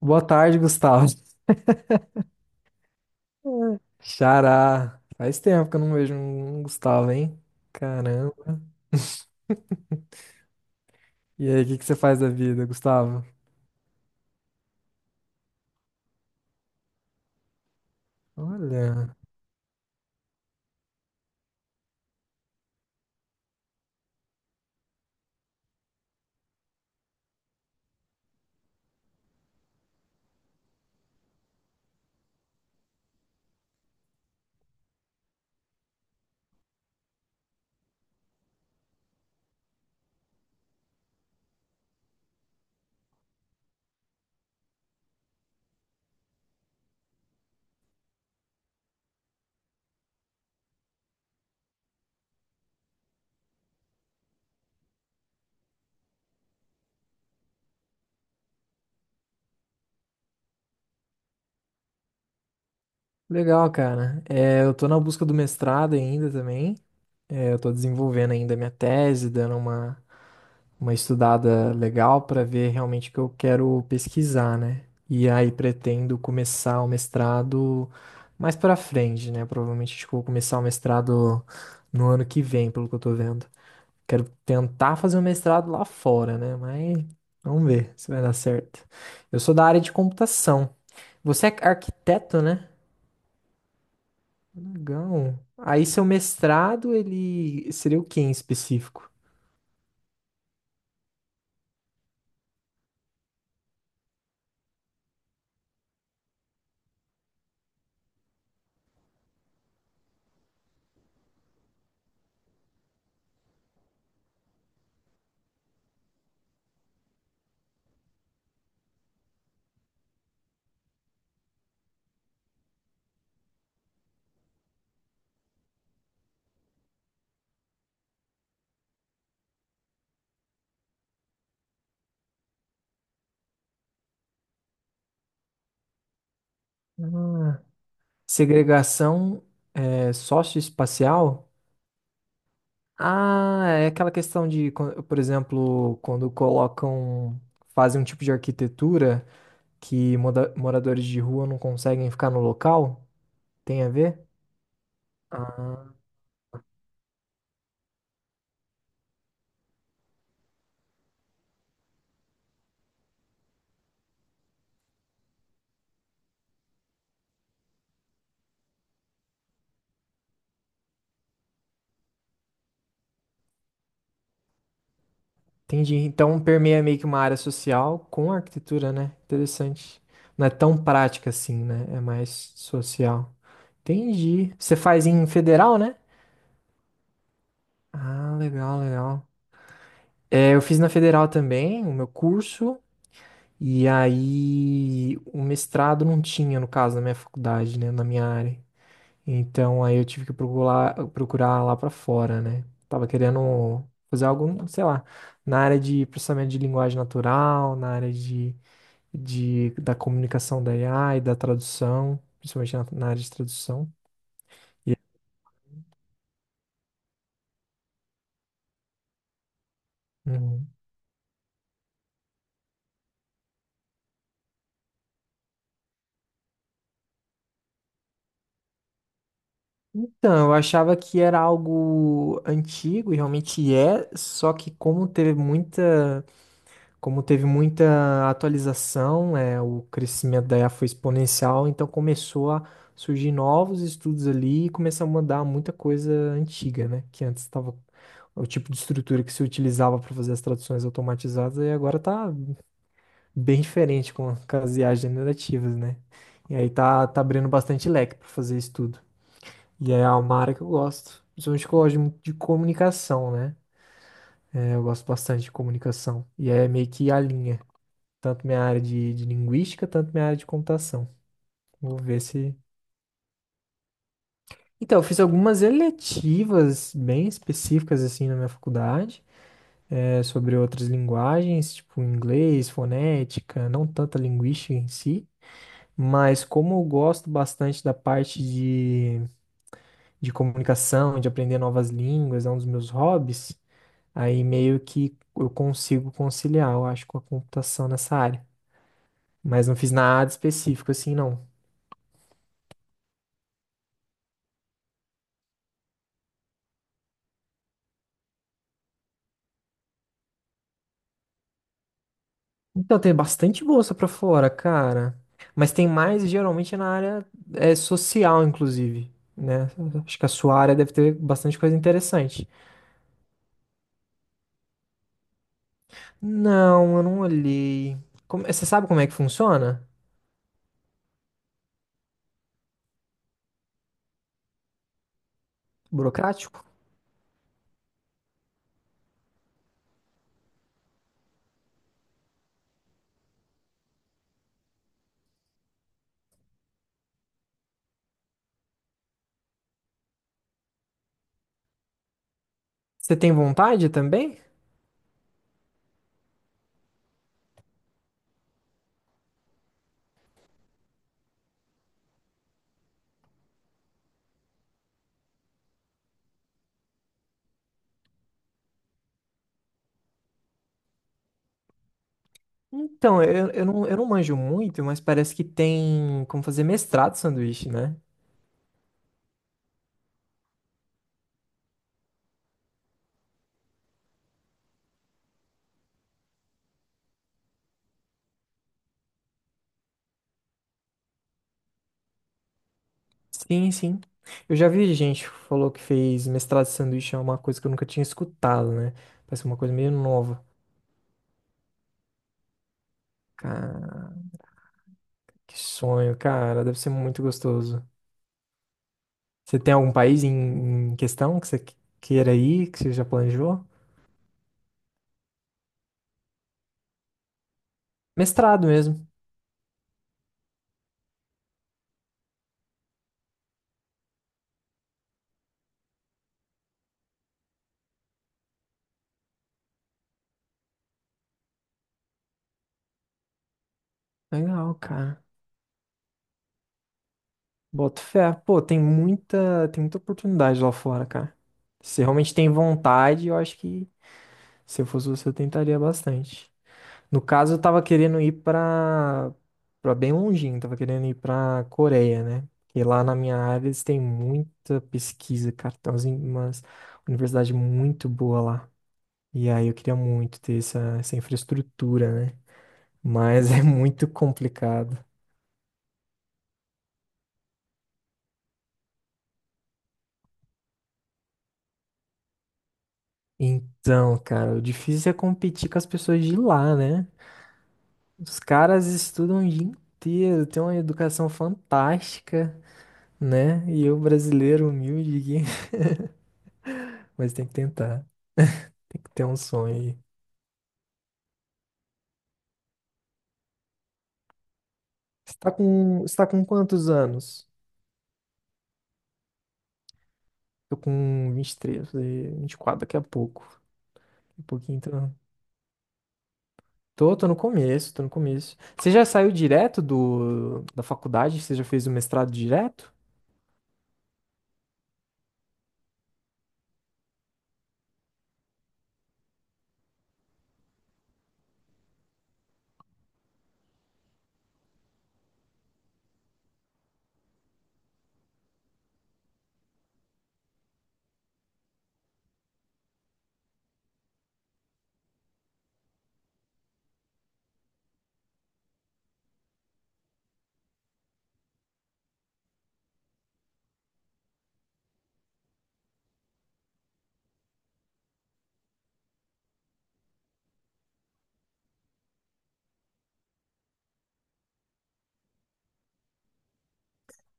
Boa tarde, Gustavo. Hum. Xará. Faz tempo que eu não vejo um Gustavo, hein? Caramba. E aí, o que que você faz da vida, Gustavo? Olha, legal, cara. É, eu tô na busca do mestrado ainda também. É, eu tô desenvolvendo ainda a minha tese. Uma estudada legal pra ver realmente o que eu quero pesquisar, né? E aí pretendo começar o mestrado mais pra frente, né? Provavelmente acho que eu vou começar o mestrado no ano que vem, pelo que eu tô vendo. Quero tentar fazer um mestrado lá fora, né? Mas vamos ver se vai dar certo. Eu sou da área de computação. Você é arquiteto, né? Legal. Aí seu mestrado, ele seria o que em específico? Ah, segregação é, socioespacial? Ah, é aquela questão de, quan- por exemplo, quando colocam, fazem um tipo de arquitetura que moradores de rua não conseguem ficar no local? Tem a ver? Ah. Entendi. Então permeia meio que uma área social com arquitetura, né? Interessante. Não é tão prática assim, né? É mais social. Entendi. Você faz em federal, né? Ah, legal, legal. É, eu fiz na federal também o meu curso, e aí o mestrado não tinha, no caso, na minha faculdade, né? Na minha área. Então aí eu tive que procurar lá pra fora, né? Tava querendo fazer algo, sei lá, na área de processamento de linguagem natural, na área da comunicação da IA e da tradução, principalmente na área de tradução. E- Uhum. Então, eu achava que era algo antigo, e realmente é, só que como teve muita atualização, é, o crescimento da IA foi exponencial, então começou a surgir novos estudos ali e começou a mudar muita coisa antiga, né? Que antes estava o tipo de estrutura que se utilizava para fazer as traduções automatizadas, e agora tá bem diferente com as IAs generativas, né? E aí tá abrindo bastante leque para fazer isso tudo. E aí é uma área que eu gosto. Principalmente que eu gosto muito de comunicação, né? É, eu gosto bastante de comunicação. E aí é meio que a linha. Tanto minha área de linguística, tanto minha área de computação. Vou ver se. Então, eu fiz algumas eletivas bem específicas, assim, na minha faculdade. É, sobre outras linguagens, tipo inglês, fonética, não tanta linguística em si. Mas como eu gosto bastante da parte de comunicação, de aprender novas línguas, é um dos meus hobbies, aí meio que eu consigo conciliar, eu acho, com a computação nessa área. Mas não fiz nada específico assim, não. Então, tem bastante bolsa pra fora, cara. Mas tem mais geralmente na área é, social, inclusive, né? Acho que a sua área deve ter bastante coisa interessante. Não, eu não olhei. Como- Você sabe como é que funciona? Burocrático? Você tem vontade também? Então, eu não manjo muito, mas parece que tem como fazer mestrado de sanduíche, né? Sim, sim. Eu já vi gente que falou que fez mestrado de sanduíche, é uma coisa que eu nunca tinha escutado, né? Parece uma coisa meio nova. Cara, que sonho, cara, deve ser muito gostoso. Você tem algum país em questão que queira ir, que você já planejou? Mestrado mesmo. Legal, cara. Boto fé. Pô, tem muita oportunidade lá fora, cara. Se realmente tem vontade, eu acho que se eu fosse você, eu tentaria bastante. No caso, eu tava querendo ir pra bem longinho, tava querendo ir pra Coreia, né? E lá na minha área eles têm muita pesquisa, cara. Tem umas universidades muito boa lá. E aí eu queria muito ter essa infraestrutura, né? Mas é muito complicado. Então, cara, o difícil é competir com as pessoas de lá, né? Os caras estudam o dia inteiro, têm uma educação fantástica, né? E eu, brasileiro humilde, aqui, mas tem que tentar, tem que ter um sonho aí. Você tá com quantos anos? Tô com 23 vou fazer 24 daqui a pouco. Daqui a pouquinho tô... tô no começo, tô no começo. Você já saiu direto da faculdade? Você já fez o mestrado direto?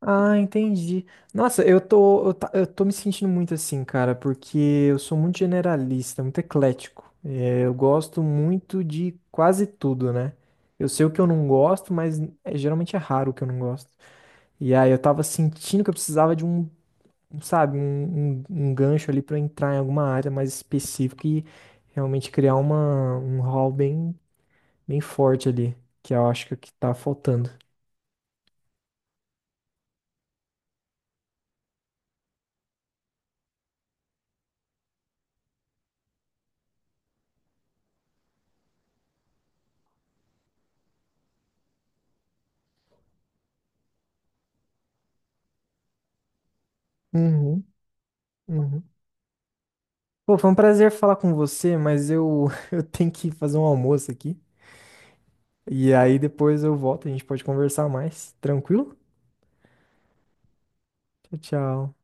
Ah, entendi. Nossa, eu tô me sentindo muito assim, cara, porque eu sou muito generalista, muito eclético. É, eu gosto muito de quase tudo, né? Eu sei o que eu não gosto, mas é, geralmente é raro o que eu não gosto. E aí eu tava sentindo que eu precisava de um, sabe, um gancho ali pra entrar em alguma área mais específica e realmente criar um hall bem forte ali, que eu acho que é o que tá faltando. Uhum, uhum. Pô, foi um prazer falar com você, mas eu, eu tenho que fazer um almoço aqui. E aí depois eu volto, a gente pode conversar mais. Tranquilo? Tchau, tchau.